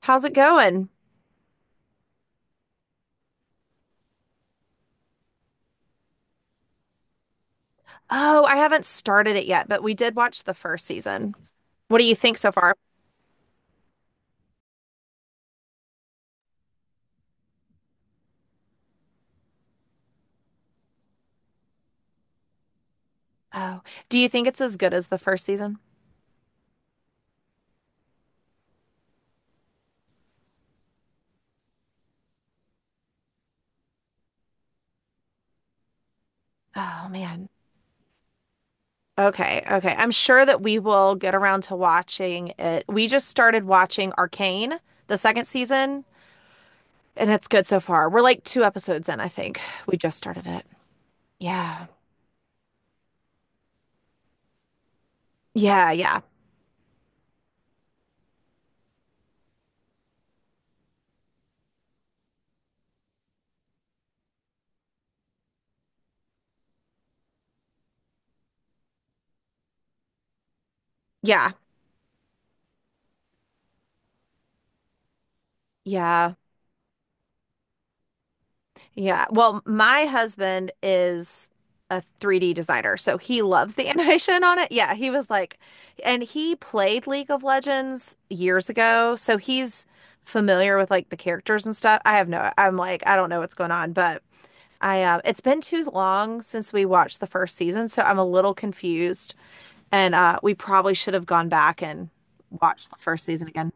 How's it going? Oh, I haven't started it yet, but we did watch the first season. What do you think so far? Oh, do you think it's as good as the first season? Oh, man. Okay, okay. I'm sure that we will get around to watching it. We just started watching Arcane, the second season, and it's good so far. We're like two episodes in, I think. We just started it. Yeah. Yeah, yeah. Yeah. Yeah. Yeah. Well, my husband is a 3D designer, so he loves the animation on it. Yeah, he was like, and he played League of Legends years ago, so he's familiar with like the characters and stuff. I have no, I'm like, I don't know what's going on, but it's been too long since we watched the first season, so I'm a little confused, and we probably should have gone back and watched the first season again.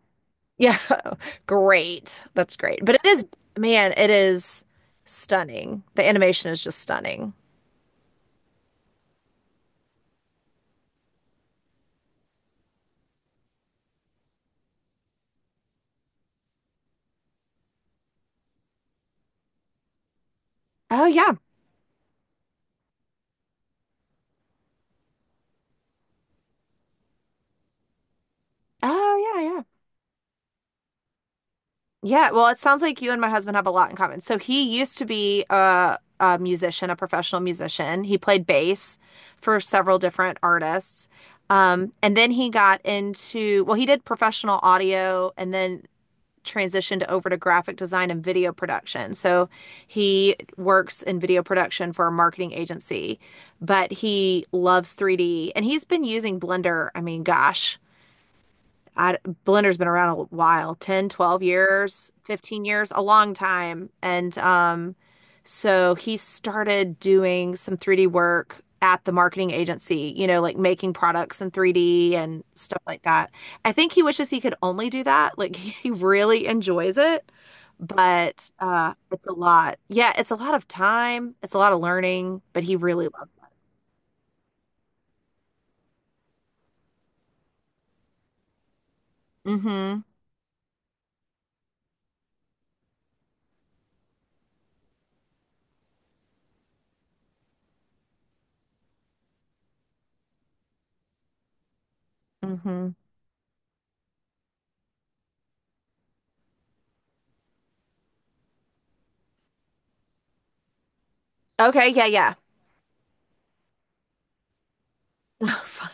Yeah, great. That's great. But it is, man, it is stunning. The animation is just stunning. Oh yeah. Oh yeah, yeah. Yeah, well, it sounds like you and my husband have a lot in common. So he used to be a musician, a professional musician. He played bass for several different artists. And then he got into, well, he did professional audio and then transitioned over to graphic design and video production. So he works in video production for a marketing agency, but he loves 3D and he's been using Blender, I mean, gosh, I, Blender's been around a while, 10, 12 years, 15 years, a long time. And so he started doing some 3D work at the marketing agency, you know, like making products in 3D and stuff like that. I think he wishes he could only do that. Like he really enjoys it, but it's a lot. Yeah, it's a lot of time. It's a lot of learning, but he really loves it. Mm-hmm. Mm-hmm. Okay, yeah, yeah. Fun.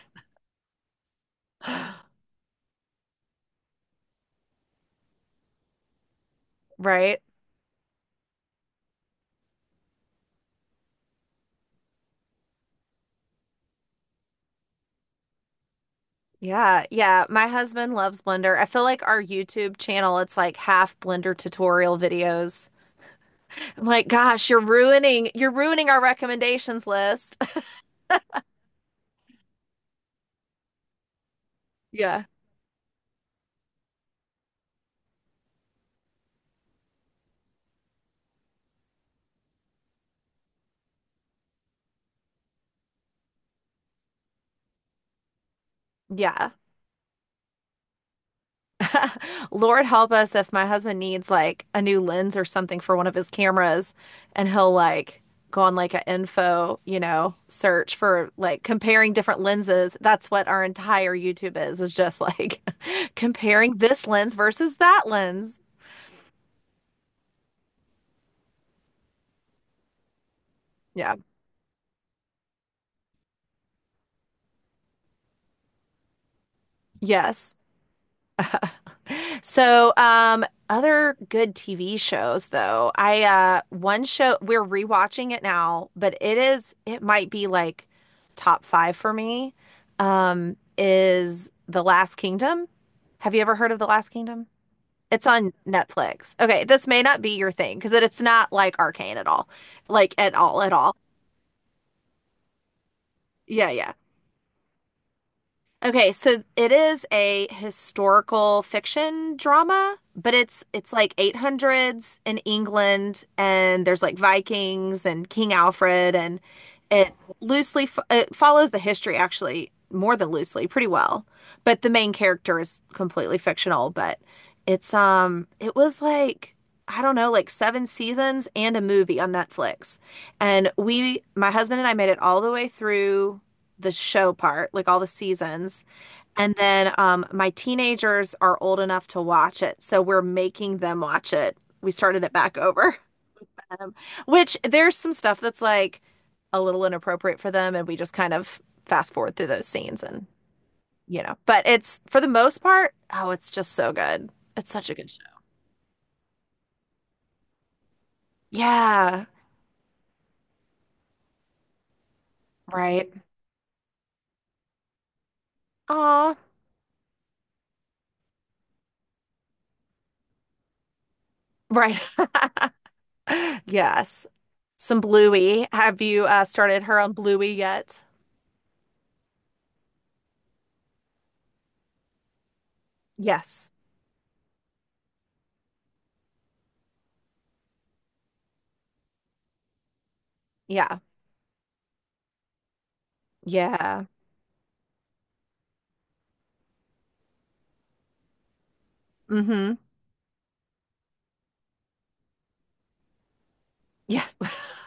Right. Yeah, yeah. My husband loves Blender. I feel like our YouTube channel, it's like half Blender tutorial videos. I'm like, gosh, you're ruining our recommendations list. Yeah. Yeah. Lord help us if my husband needs like a new lens or something for one of his cameras and he'll like go on like an info, you know, search for like comparing different lenses. That's what our entire YouTube is just like comparing this lens versus that lens. Yeah. Yes. So, other good TV shows though. I one show we're rewatching it now, but it might be like top five for me. Is The Last Kingdom. Have you ever heard of The Last Kingdom? It's on Netflix. Okay, this may not be your thing because it's not like Arcane at all. Like at all, at all. Yeah, yeah. Okay, so it is a historical fiction drama, but it's like 800s in England and there's like Vikings and King Alfred and it loosely fo it follows the history actually more than loosely, pretty well. But the main character is completely fictional, but it was like I don't know, like seven seasons and a movie on Netflix. And we, my husband and I made it all the way through the show part, like all the seasons. And then my teenagers are old enough to watch it, so we're making them watch it. We started it back over, um, which there's some stuff that's like a little inappropriate for them, and we just kind of fast forward through those scenes and you know, but it's for the most part, oh, it's just so good. It's such a good show. Yeah, right. Aw, right. Yes. Some Bluey. Have you started her on Bluey yet? Yes. Yeah. Yeah. Mm-hmm. Yes.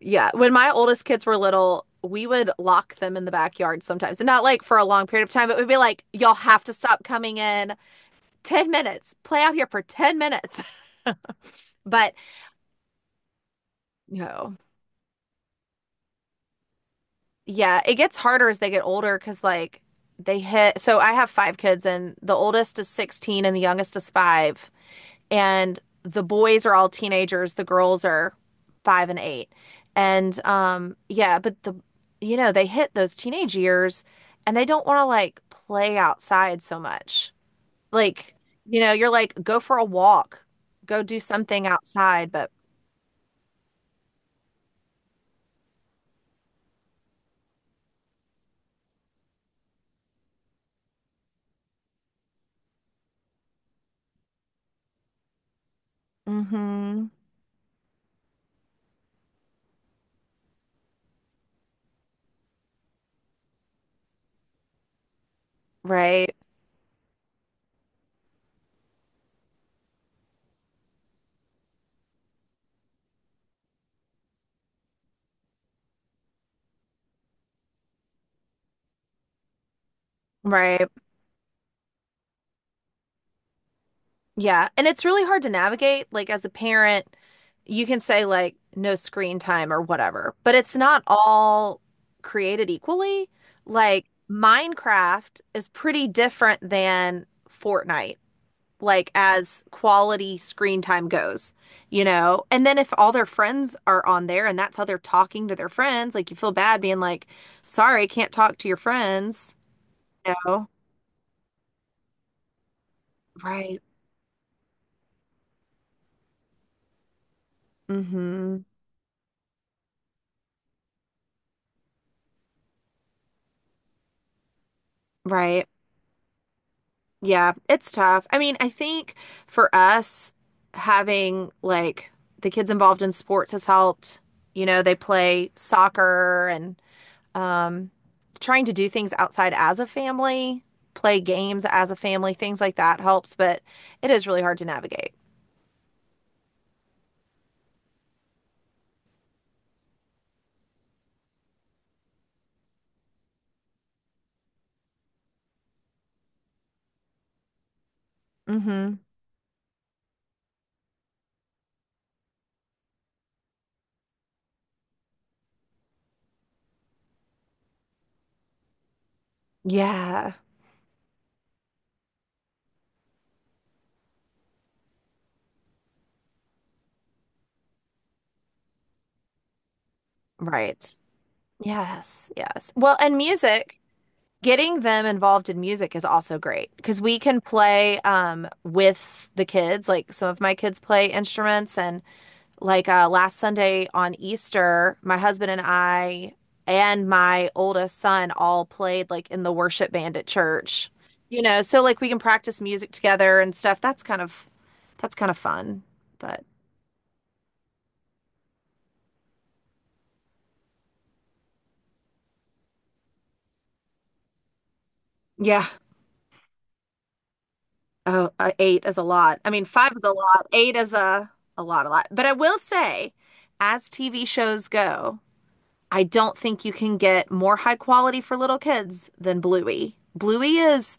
Yeah, when my oldest kids were little, we would lock them in the backyard sometimes, and not like for a long period of time, but we'd be like, y'all have to stop coming in 10 minutes, play out here for 10 minutes. But no, yeah, it gets harder as they get older because like they hit. So I have five kids, and the oldest is 16 and the youngest is five. And the boys are all teenagers, the girls are five and eight. And yeah, but they hit those teenage years and they don't want to like play outside so much. Like, you know, you're like go for a walk, go do something outside, but mm-hmm. Right. Right. Yeah, and it's really hard to navigate. Like as a parent, you can say like no screen time or whatever, but it's not all created equally. Like Minecraft is pretty different than Fortnite, like as quality screen time goes, you know? And then if all their friends are on there and that's how they're talking to their friends, like you feel bad being like, sorry, can't talk to your friends, you know? Right. Mm-hmm. Right. Yeah, it's tough. I mean, I think for us, having like the kids involved in sports has helped. You know, they play soccer and um, trying to do things outside as a family, play games as a family, things like that helps, but it is really hard to navigate. Hmm. Yeah, right. Yes, yes. Well, and music. Getting them involved in music is also great because we can play with the kids. Like some of my kids play instruments, and like last Sunday on Easter, my husband and I and my oldest son all played like in the worship band at church. You know, so like we can practice music together and stuff. That's kind of fun. But yeah, oh, eight is a lot. I mean, five is a lot. Eight is a lot, a lot. But I will say, as TV shows go, I don't think you can get more high quality for little kids than Bluey. Bluey is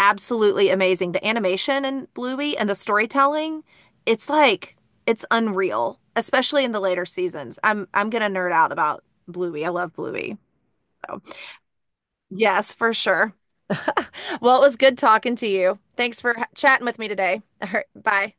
absolutely amazing. The animation in Bluey and the storytelling, it's like it's unreal, especially in the later seasons. I'm gonna nerd out about Bluey. I love Bluey. So, yes, for sure. Well, it was good talking to you. Thanks for chatting with me today. All right, bye.